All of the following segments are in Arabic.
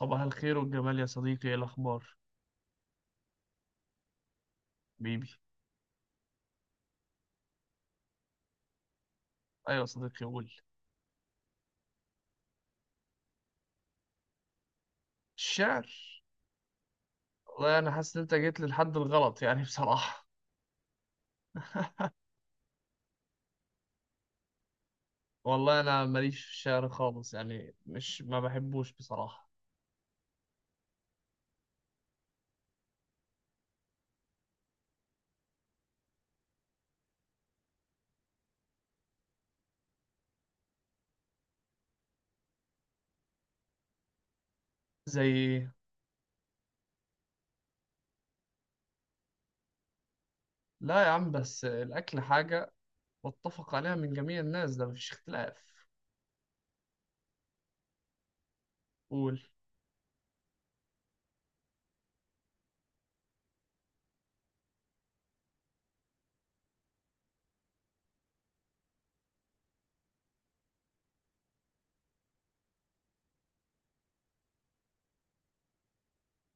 صباح الخير والجمال يا صديقي، ايه الاخبار؟ بيبي. ايوه يا صديقي، قول. الشعر. والله انا حاسس ان انت جيت للحد الغلط يعني بصراحه. والله انا ماليش في الشعر خالص، يعني مش ما بحبوش بصراحه. زي إيه؟ لا يا عم، بس الاكل حاجه متفق عليها من جميع الناس، ده مفيش اختلاف. قول.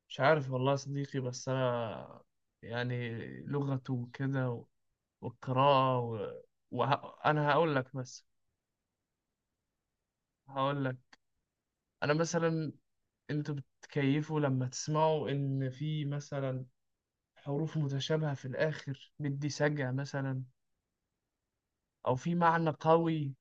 مش عارف والله يا صديقي، بس انا يعني لغته وكده والقراءه انا هقول لك بس. هقول لك. انا مثلا انتوا بتكيفوا لما تسمعوا ان في مثلا حروف متشابهة في الاخر بدي سجع مثلا، او في معنى قوي.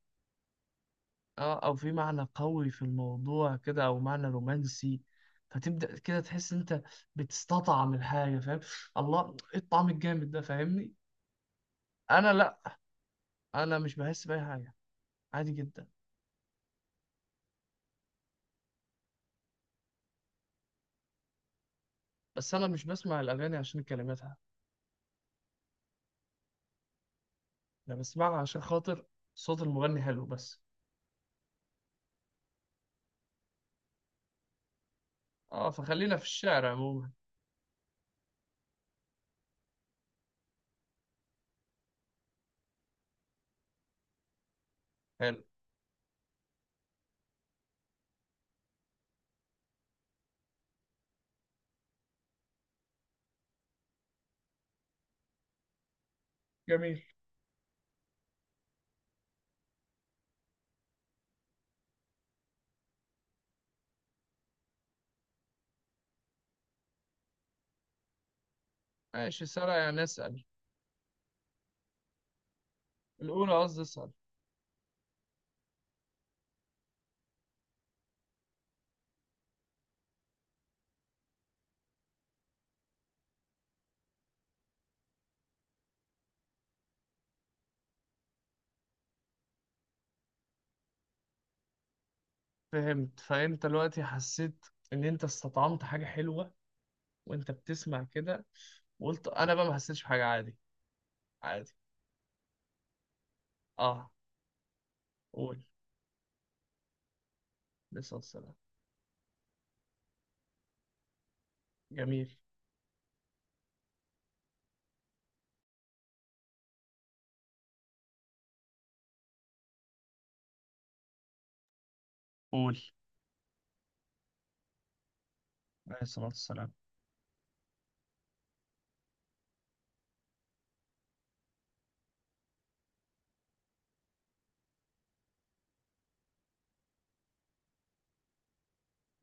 اه او في معنى قوي في الموضوع كده، او معنى رومانسي. فتبدأ كده تحس انت بتستطعم الحاجة، فاهم؟ الله، ايه الطعم الجامد ده، فاهمني؟ انا لا. انا مش بحس بأي حاجة، عادي جدا. بس انا مش بسمع الاغاني عشان كلماتها، انا بسمعها عشان خاطر صوت المغني حلو بس. اه فخلينا في الشعر عموما. حلو. جميل. ماشي، سارة يعني اسأل. الأولى قصدي اسأل. فهمت. فأنت دلوقتي حسيت إن أنت استطعمت حاجة حلوة وأنت بتسمع كده، وقلت أنا بقى ما حسيتش بحاجة، عادي. عادي. أه. قول. عليه الصلاة والسلام. جميل. قول. عليه الصلاة والسلام.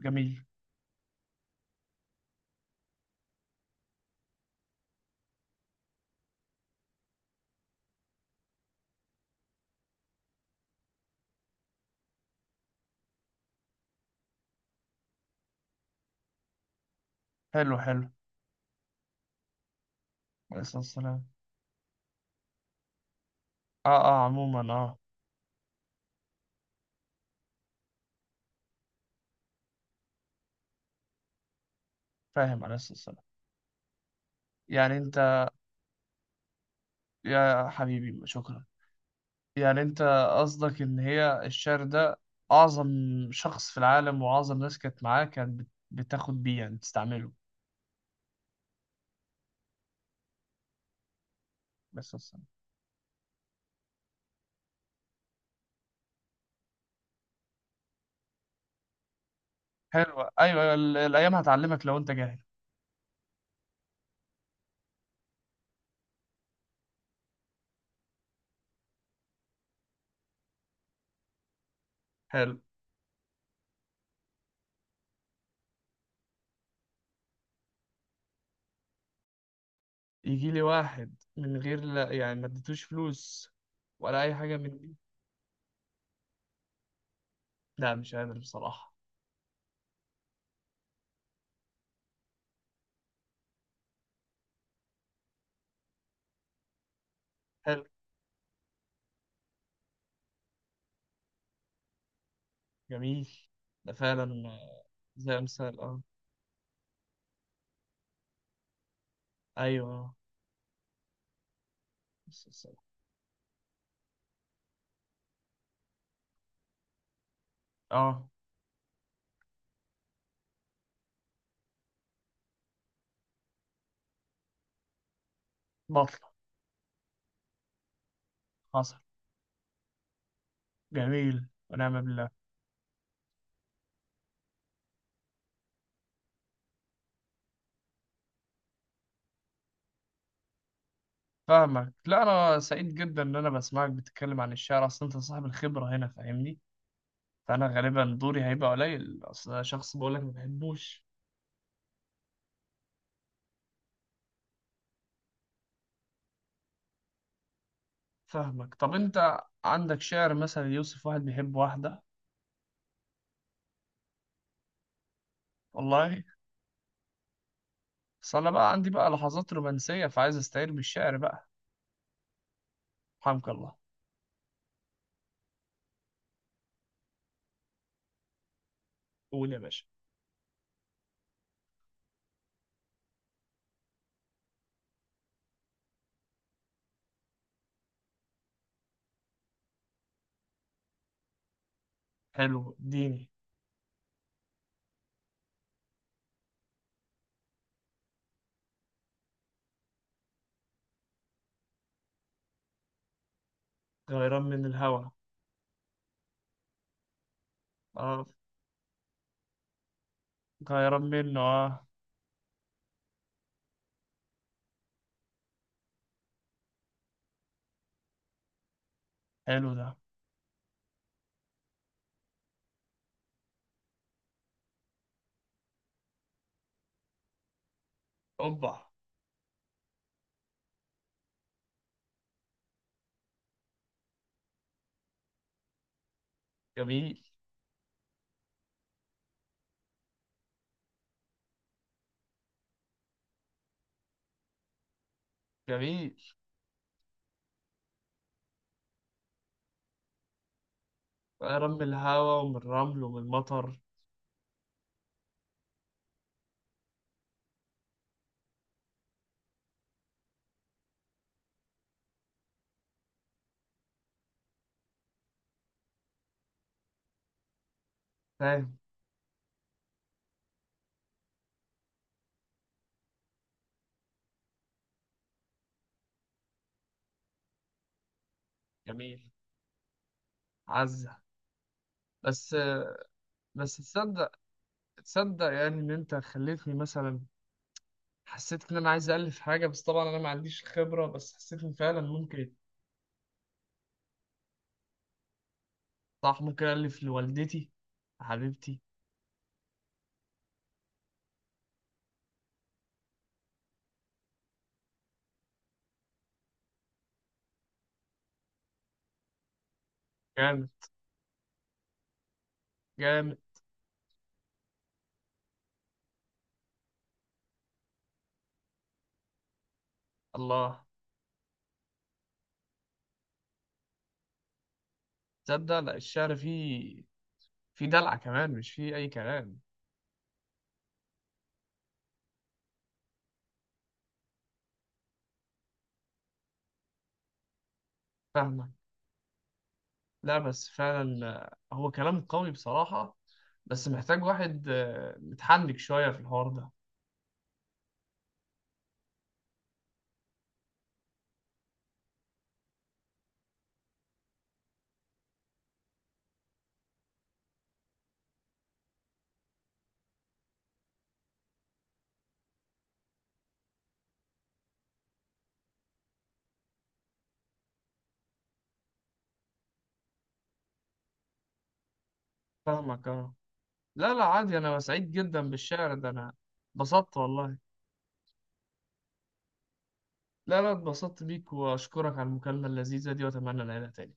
جميل. حلو، حلو. عليه الصلاة والسلام. أه، أه، عموما أه. فاهم. عليه الصلاة والسلام. يعني أنت. يا حبيبي، شكرا. يعني انت قصدك ان هي الشعر ده اعظم شخص في العالم، واعظم ناس كانت معاه كانت بتاخد بيه يعني تستعمله. بس السلام. حلو، ايوه. ايوه الايام هتعلمك لو انت جاهل. حلو. يجي لي واحد من غير، لا يعني ما اديتوش فلوس ولا اي حاجه من دي. لا مش قادر بصراحه. حلو. جميل. ده فعلا زي مثال. اه ايوه بس السلام. اه بطل. حصل. جميل ونعم بالله. فاهمك. لا انا سعيد جدا ان انا بسمعك بتتكلم عن الشعر، اصلا انت صاحب الخبره هنا فاهمني. فانا غالبا دوري هيبقى قليل، اصل أنا شخص بقول لك ما بحبوش. فاهمك. طب انت عندك شعر مثلا يوصف واحد بيحب واحده؟ والله. بس انا بقى عندي بقى لحظات رومانسيه، فعايز استعير بالشعر بقى. حمك الله. قول يا باشا. حلو، اديني. غيران من الهوى. اه. غيران منه، اه. حلو ده. اوبا. جميل. جميل. غيران من الهوى ومن الرمل ومن المطر. فاهم. جميل. عزة. بس. بس تصدق، تصدق يعني ان انت خليتني مثلا حسيت ان انا عايز الف حاجه، بس طبعا انا ما عنديش خبره، بس حسيت ان فعلا ممكن. صح، ممكن الف لوالدتي، حبيبتي. جامد. جامد. الله. تصدق، لا الشعر فيه دلعه كمان، مش فيه اي كلام. فاهمك. لا بس فعلا هو كلام قوي بصراحه، بس محتاج واحد متحنك شويه في الحوار ده. فاهمك اه. لا لا عادي، انا سعيد جدا بالشعر ده انا. اتبسطت والله. لا لا اتبسطت بيك، واشكرك على المكالمة اللذيذة دي، واتمنى نعيدها تاني.